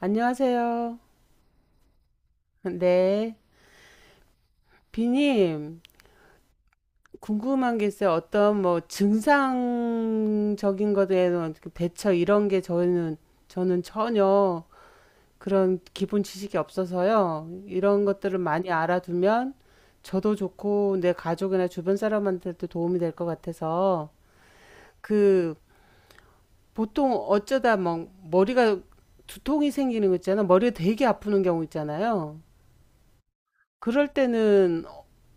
안녕하세요. 네. 비님, 궁금한 게 있어요. 어떤 뭐 증상적인 것에 대한 대처 이런 게 저는, 전혀 그런 기본 지식이 없어서요. 이런 것들을 많이 알아두면 저도 좋고 내 가족이나 주변 사람한테도 도움이 될 것 같아서 그 보통 어쩌다 막 머리가 두통이 생기는 거 있잖아. 머리가 되게 아프는 경우 있잖아요. 그럴 때는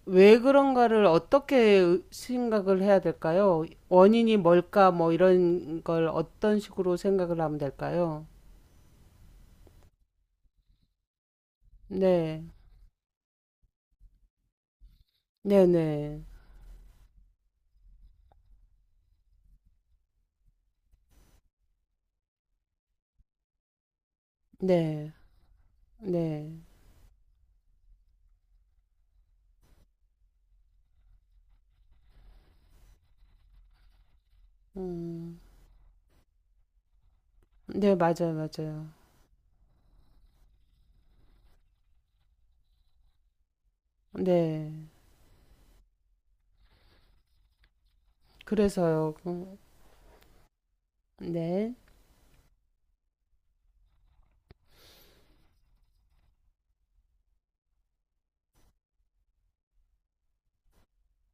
왜 그런가를 어떻게 생각을 해야 될까요? 원인이 뭘까 뭐 이런 걸 어떤 식으로 생각을 하면 될까요? 네. 네네. 네. 네. 네. 음. 네, 맞아요, 맞아요. 네. 그래서요. 네.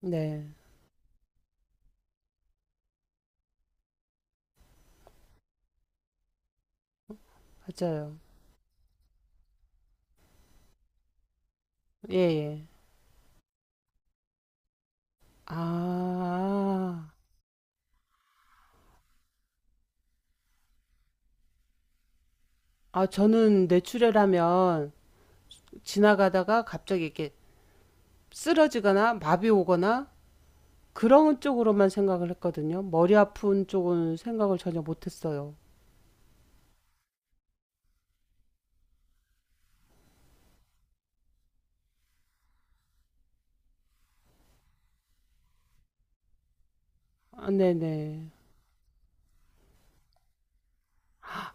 네. 맞아요. 예, 예. 아. 아, 저는 뇌출혈하면 지나가다가 갑자기 이렇게 쓰러지거나 마비 오거나 그런 쪽으로만 생각을 했거든요. 머리 아픈 쪽은 생각을 전혀 못했어요. 아, 네네.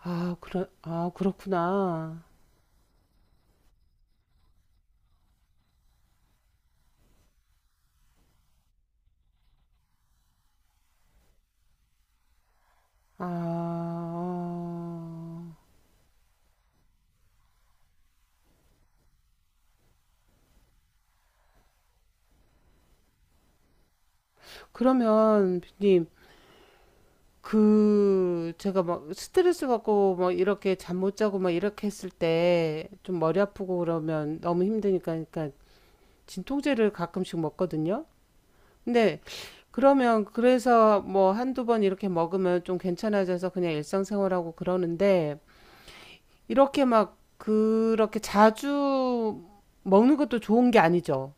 아, 아, 그렇구나. 아, 어. 그러면, 님, 그, 제가 막 스트레스 받고 막 이렇게 잠 못 자고 막 이렇게 했을 때 좀 머리 아프고 그러면 너무 힘드니까, 그러니까 진통제를 가끔씩 먹거든요. 근데 그러면 그래서 뭐 한두 번 이렇게 먹으면 좀 괜찮아져서 그냥 일상생활하고 그러는데 이렇게 막 그렇게 자주 먹는 것도 좋은 게 아니죠.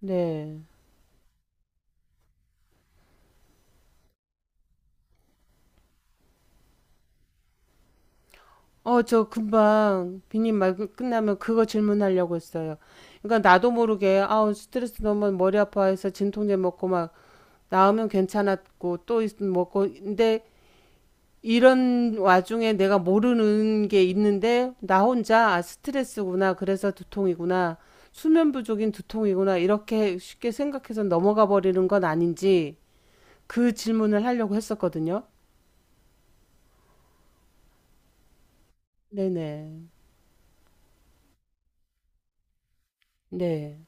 네. 어, 저 금방 비님 말 끝나면 그거 질문하려고 했어요. 그러니까 나도 모르게 아우 스트레스 너무 머리 아파해서 진통제 먹고 막 나으면 괜찮았고 또 먹고 근데 이런 와중에 내가 모르는 게 있는데 나 혼자 아 스트레스구나 그래서 두통이구나 수면 부족인 두통이구나 이렇게 쉽게 생각해서 넘어가 버리는 건 아닌지 그 질문을 하려고 했었거든요. 네네. 네.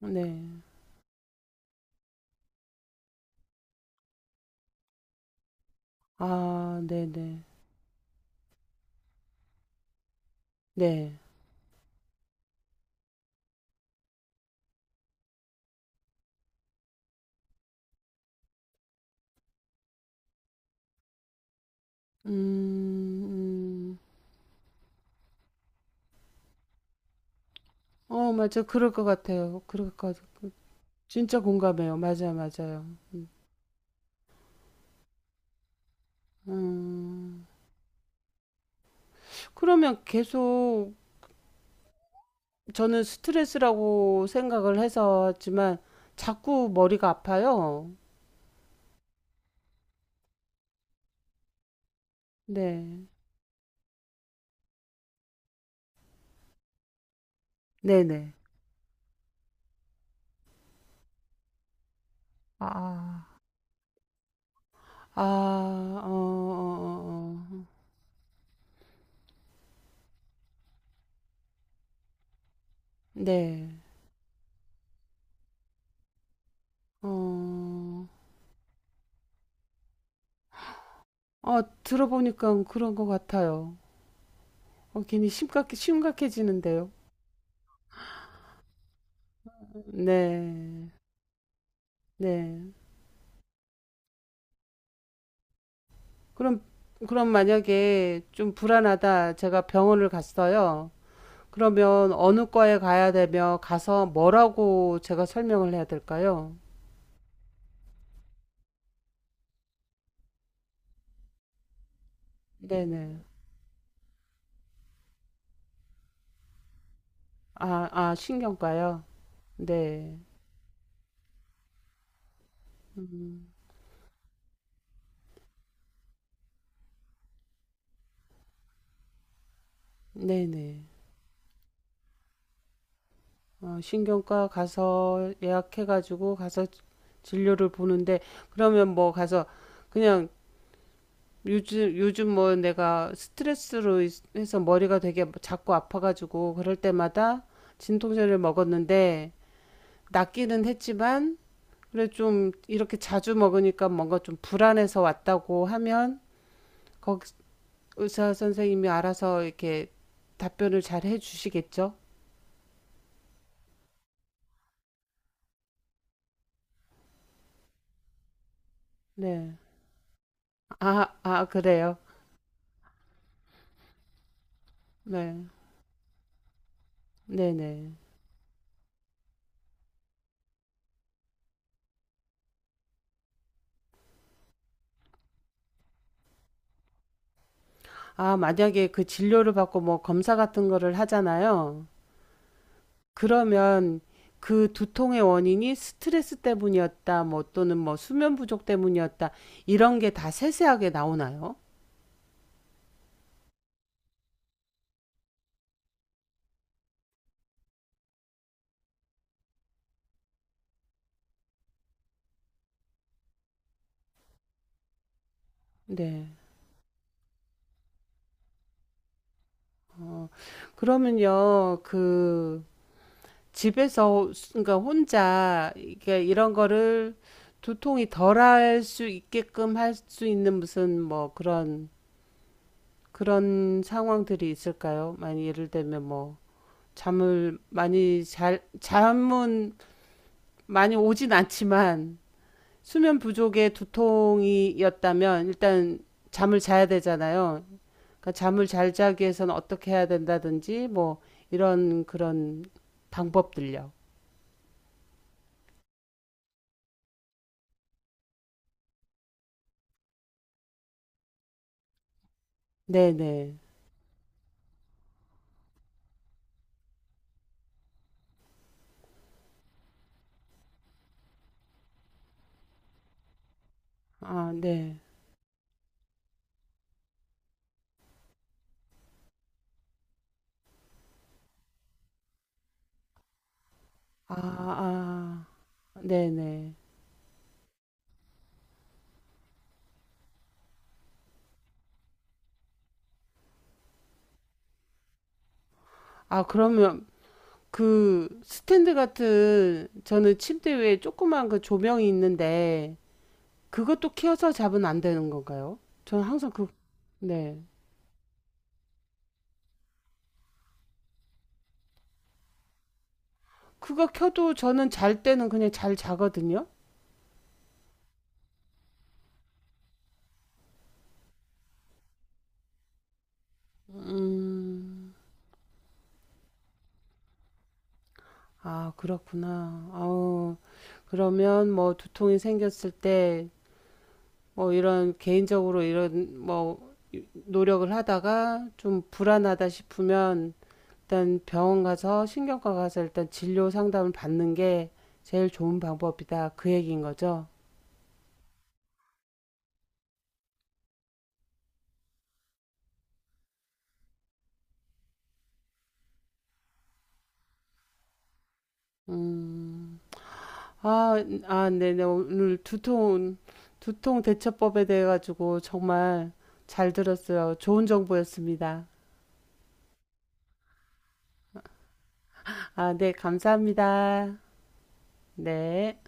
네. 아, 네네. 네. 음, 음. 어, 맞아. 그럴 것 같아요. 그럴 것 같아요. 진짜 공감해요. 맞아요, 맞아요. 음. 음. 그러면 계속 저는 스트레스라고 생각을 해서 했지만 자꾸 머리가 아파요. 네. 네네. 아, 아, 아, 어, 어, 어, 어. 네. 어. 어, 들어보니까 그런 것 같아요. 어, 괜히 심각해지는데요. 네, 네. 그럼, 만약에 좀 불안하다, 제가 병원을 갔어요. 그러면 어느 과에 가야 되며, 가서 뭐라고 제가 설명을 해야 될까요? 네네. 아, 아, 신경과요? 네. 음, 네네. 어, 신경과 가서 예약해가지고 가서 진료를 보는데, 그러면 뭐 가서 그냥 요즘, 뭐 내가 스트레스로 해서 머리가 되게 자꾸 아파가지고 그럴 때마다 진통제를 먹었는데 낫기는 했지만 그래 좀 이렇게 자주 먹으니까 뭔가 좀 불안해서 왔다고 하면 거기 의사 선생님이 알아서 이렇게 답변을 잘 해주시겠죠? 네. 아, 아, 그래요? 네. 네네. 아, 만약에 그 진료를 받고 뭐 검사 같은 거를 하잖아요. 그러면 그 두통의 원인이 스트레스 때문이었다, 뭐 또는 뭐 수면 부족 때문이었다, 이런 게 다 세세하게 나오나요? 네. 어, 그러면요, 그 집에서, 그러니까 혼자, 이게 이런 거를 두통이 덜할 수 있게끔 할 수 있는 무슨 뭐 그런, 그런 상황들이 있을까요? 만약 예를 들면 뭐, 잠을 많이 잘, 잠은 많이 오진 않지만, 수면 부족의 두통이었다면 일단 잠을 자야 되잖아요. 그러니까 잠을 잘 자기 위해서는 어떻게 해야 된다든지 뭐 이런 그런 방법들요. 네네. 아, 네. 아, 아, 네네. 아, 그러면 그 스탠드 같은 저는 침대 위에 조그만 그 조명이 있는데 그것도 켜서 자면 안 되는 건가요? 저는 항상 그, 네. 그거 켜도 저는 잘 때는 그냥 잘 자거든요. 음, 아, 그렇구나. 아우, 그러면 뭐 두통이 생겼을 때 뭐 이런 개인적으로 이런 뭐 노력을 하다가 좀 불안하다 싶으면 일단 병원 가서 신경과 가서 일단 진료 상담을 받는 게 제일 좋은 방법이다. 그 얘기인 거죠. 음, 아, 아, 네네. 오늘 두통, 대처법에 대해 가지고 정말 잘 들었어요. 좋은 정보였습니다. 아, 네, 감사합니다. 네.